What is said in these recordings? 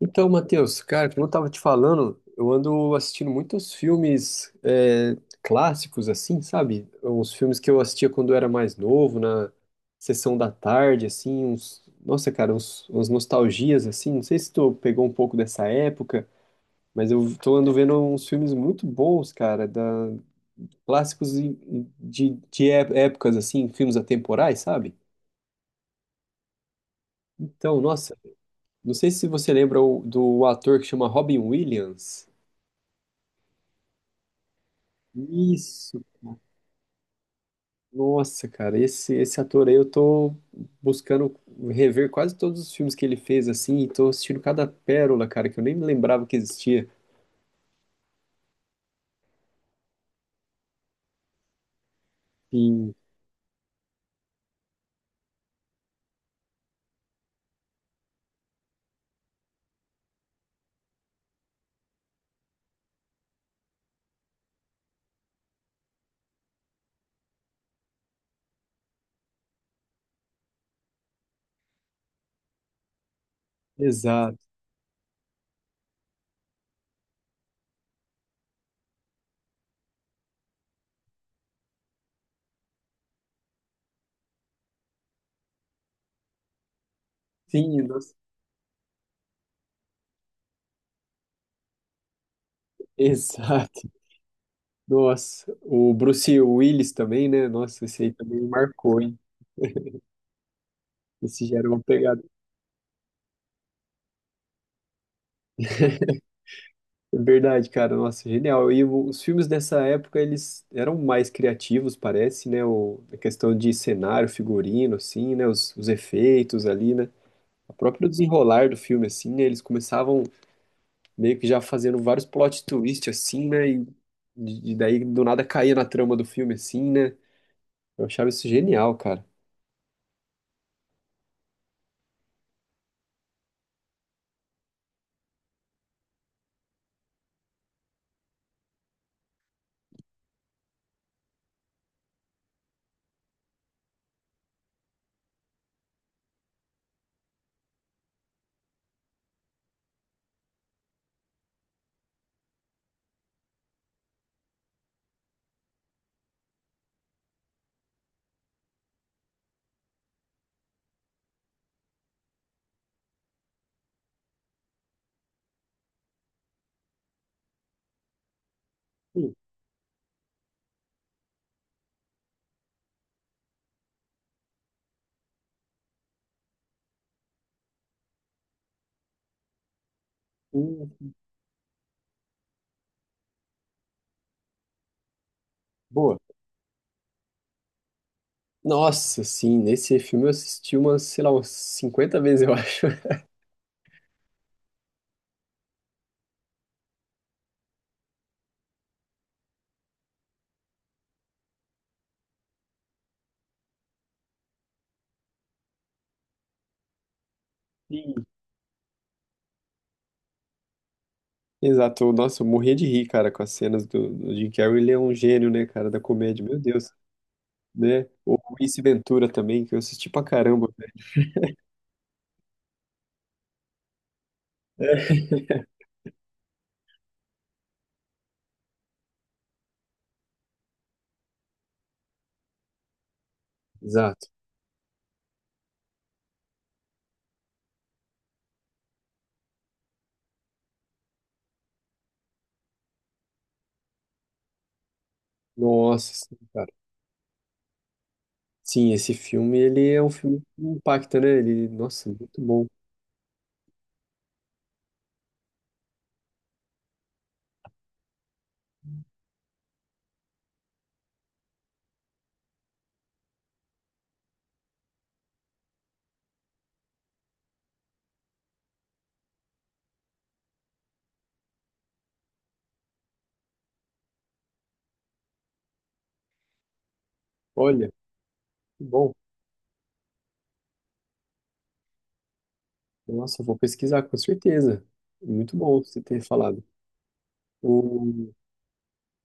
Então, Matheus, cara, como eu tava te falando, eu ando assistindo muitos filmes clássicos, assim, sabe? Uns filmes que eu assistia quando eu era mais novo, na sessão da tarde, assim, Nossa, cara, umas nostalgias, assim, não sei se tu pegou um pouco dessa época, mas eu tô ando vendo uns filmes muito bons, cara, da... clássicos e de épocas, assim, filmes atemporais, sabe? Então, nossa, não sei se você lembra do ator que chama Robin Williams. Isso. Nossa, cara, esse ator aí eu tô buscando rever quase todos os filmes que ele fez, assim, e tô assistindo cada pérola, cara, que eu nem me lembrava que existia. Sim, exato. Sim, nossa, exato. Nossa, o Bruce Willis também, né? Nossa, esse aí também marcou, hein? Esse já era uma pegada. É verdade, cara, nossa, genial. E os filmes dessa época, eles eram mais criativos, parece, né? A questão de cenário, figurino, assim, né? Os efeitos ali, né? O próprio desenrolar do filme, assim, né, eles começavam meio que já fazendo vários plot twists, assim, né? E daí do nada caía na trama do filme, assim, né? Eu achava isso genial, cara. Hum, hum, boa. Nossa, sim, nesse filme eu assisti umas, sei lá, umas 50 vezes, eu acho. Sim. Exato, nossa, eu morria de rir, cara, com as cenas do, do Jim Carrey. Ele é um gênio, né, cara, da comédia, meu Deus, né? O Ace Ventura também, que eu assisti pra caramba, né? Exato. Nossa, sim, cara. Sim, esse filme, ele é um filme que impacta, né? Ele, nossa, muito bom. Olha, muito bom. Nossa, eu vou pesquisar com certeza. Muito bom você ter falado. O,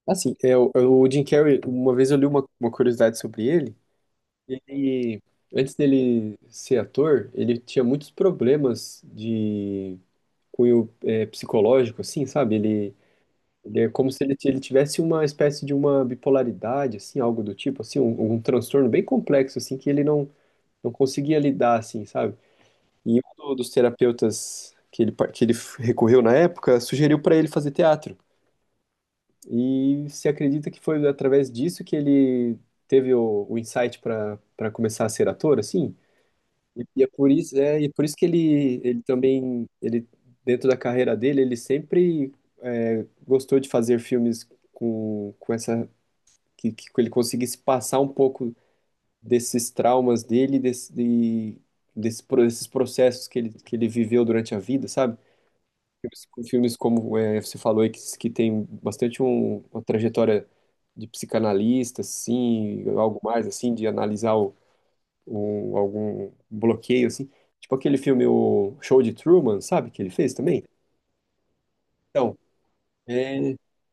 assim, é, o, é o Jim Carrey, uma vez eu li uma curiosidade sobre ele. Ele, antes dele ser ator, ele tinha muitos problemas de cunho psicológico, assim, sabe? Ele é como se ele, ele tivesse uma espécie de uma bipolaridade, assim, algo do tipo, assim, um transtorno bem complexo, assim, que ele não conseguia lidar, assim, sabe? E um dos terapeutas que ele, que ele recorreu na época sugeriu para ele fazer teatro. E se acredita que foi através disso que ele teve o insight para começar a ser ator, assim. E é por isso, é, e é por isso que ele também, ele, dentro da carreira dele, ele sempre é, gostou de fazer filmes com essa, que ele conseguisse passar um pouco desses traumas dele, desse, desse, desses processos que ele viveu durante a vida, sabe? Filmes, filmes como é, você falou aí, que tem bastante uma trajetória de psicanalista, assim, algo mais, assim, de analisar o, algum bloqueio, assim. Tipo aquele filme, o Show de Truman, sabe? Que ele fez também. Então, é,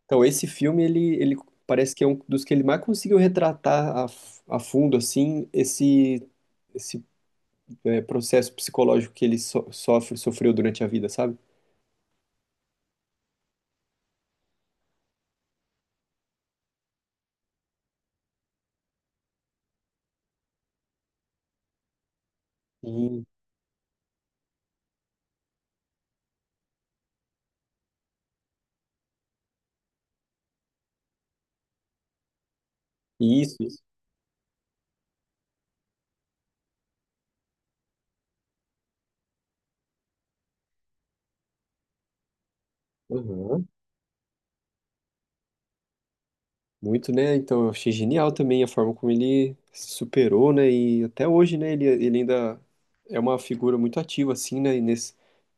então esse filme, ele parece que é um dos que ele mais conseguiu retratar a, a fundo, assim, esse esse é, processo psicológico que ele sofre, sofreu durante a vida, sabe? E, isso, isso. Aham. Muito, né? Então, eu achei genial também a forma como ele se superou, né? E até hoje, né? Ele ainda é uma figura muito ativa, assim, né? E nesse,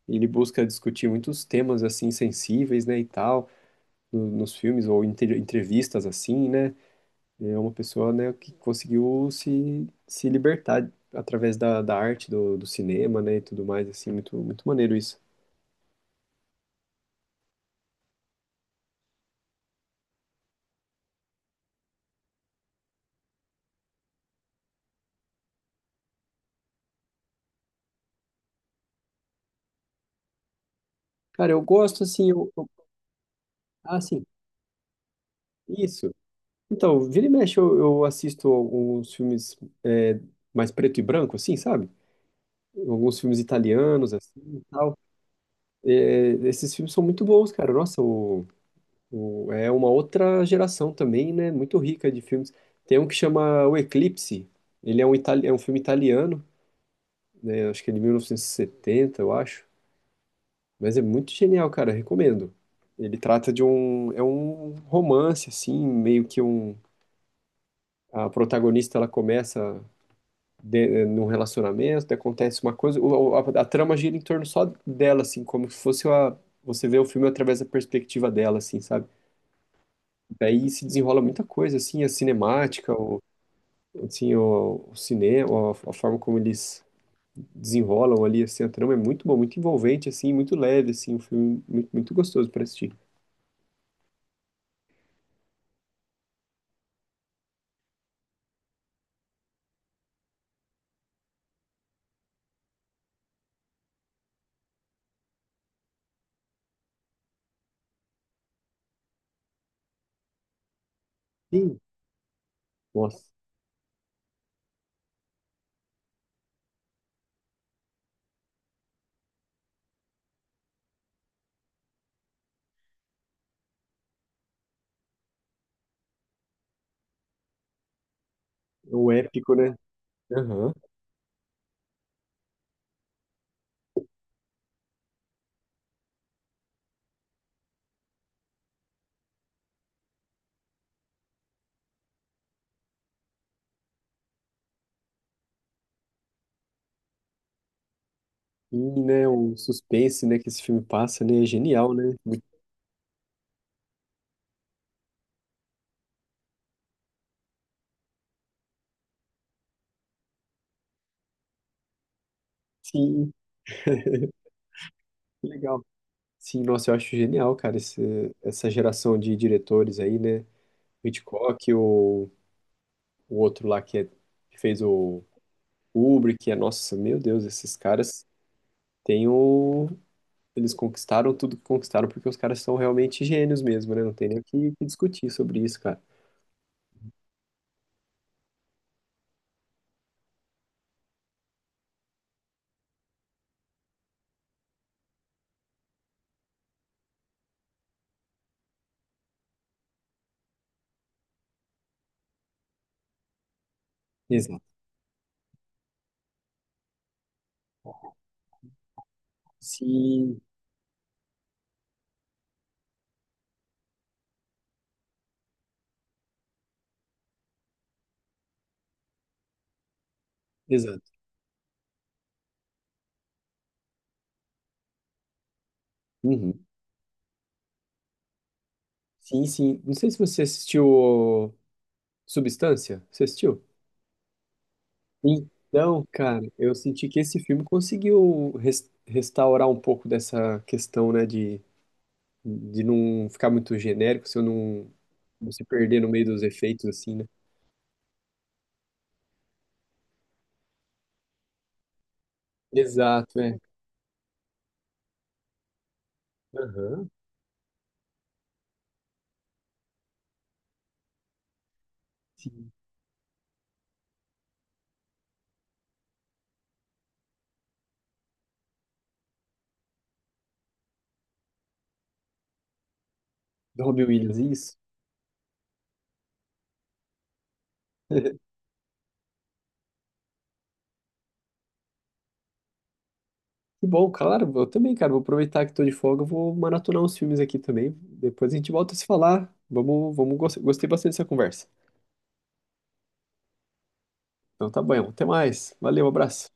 ele busca discutir muitos temas, assim, sensíveis, né? E tal, nos filmes ou em entrevistas, assim, né? É uma pessoa, né? Que conseguiu se, se libertar através da, da arte, do, do cinema, né? E tudo mais, assim. Muito, muito maneiro isso. Cara, eu gosto assim, ah, sim, isso. Então, vira e mexe, eu assisto alguns filmes é, mais preto e branco, assim, sabe? Alguns filmes italianos, assim, e tal. É, esses filmes são muito bons, cara. Nossa, o, é uma outra geração também, né? Muito rica de filmes. Tem um que chama O Eclipse. Ele é um, itali é um filme italiano, né? Acho que é de 1970, eu acho. Mas é muito genial, cara. Recomendo. Ele trata de um, é um romance, assim, meio que um, a protagonista ela começa de, eh, num relacionamento, acontece uma coisa, a trama gira em torno só dela, assim, como se fosse uma, você vê o filme através da perspectiva dela, assim, sabe? Daí se desenrola muita coisa, assim, a cinemática, o, assim, o cinema, a forma como eles desenrolam ali, assim, a trama é muito bom, muito envolvente, assim, muito leve, assim, um filme muito, muito gostoso para assistir. Sim. Nossa, é um épico, né? Aham. E, né, o suspense, né, que esse filme passa, né, é genial, né? Sim, que legal. Sim, nossa, eu acho genial, cara, esse, essa geração de diretores aí, né? O Hitchcock, o outro lá que, é- que fez o Kubrick, é, nossa, meu Deus, esses caras têm o, eles conquistaram tudo que conquistaram porque os caras são realmente gênios mesmo, né? Não tem nem o que, que discutir sobre isso, cara. Exato. Sim, exato. Uhum. Sim, sim. Não sei se você assistiu o Substância. Você assistiu? Então, cara, eu senti que esse filme conseguiu restaurar um pouco dessa questão, né, de não ficar muito genérico, se eu não, não se perder no meio dos efeitos, assim, né? Exato, é. Aham. Sim. Do Robin Williams, isso. Que bom, claro, eu também, cara, vou aproveitar que tô de folga, eu vou maratonar uns filmes aqui também, depois a gente volta a se falar, vamos, vamos, gostei bastante dessa conversa. Então tá bom, até mais, valeu, abraço.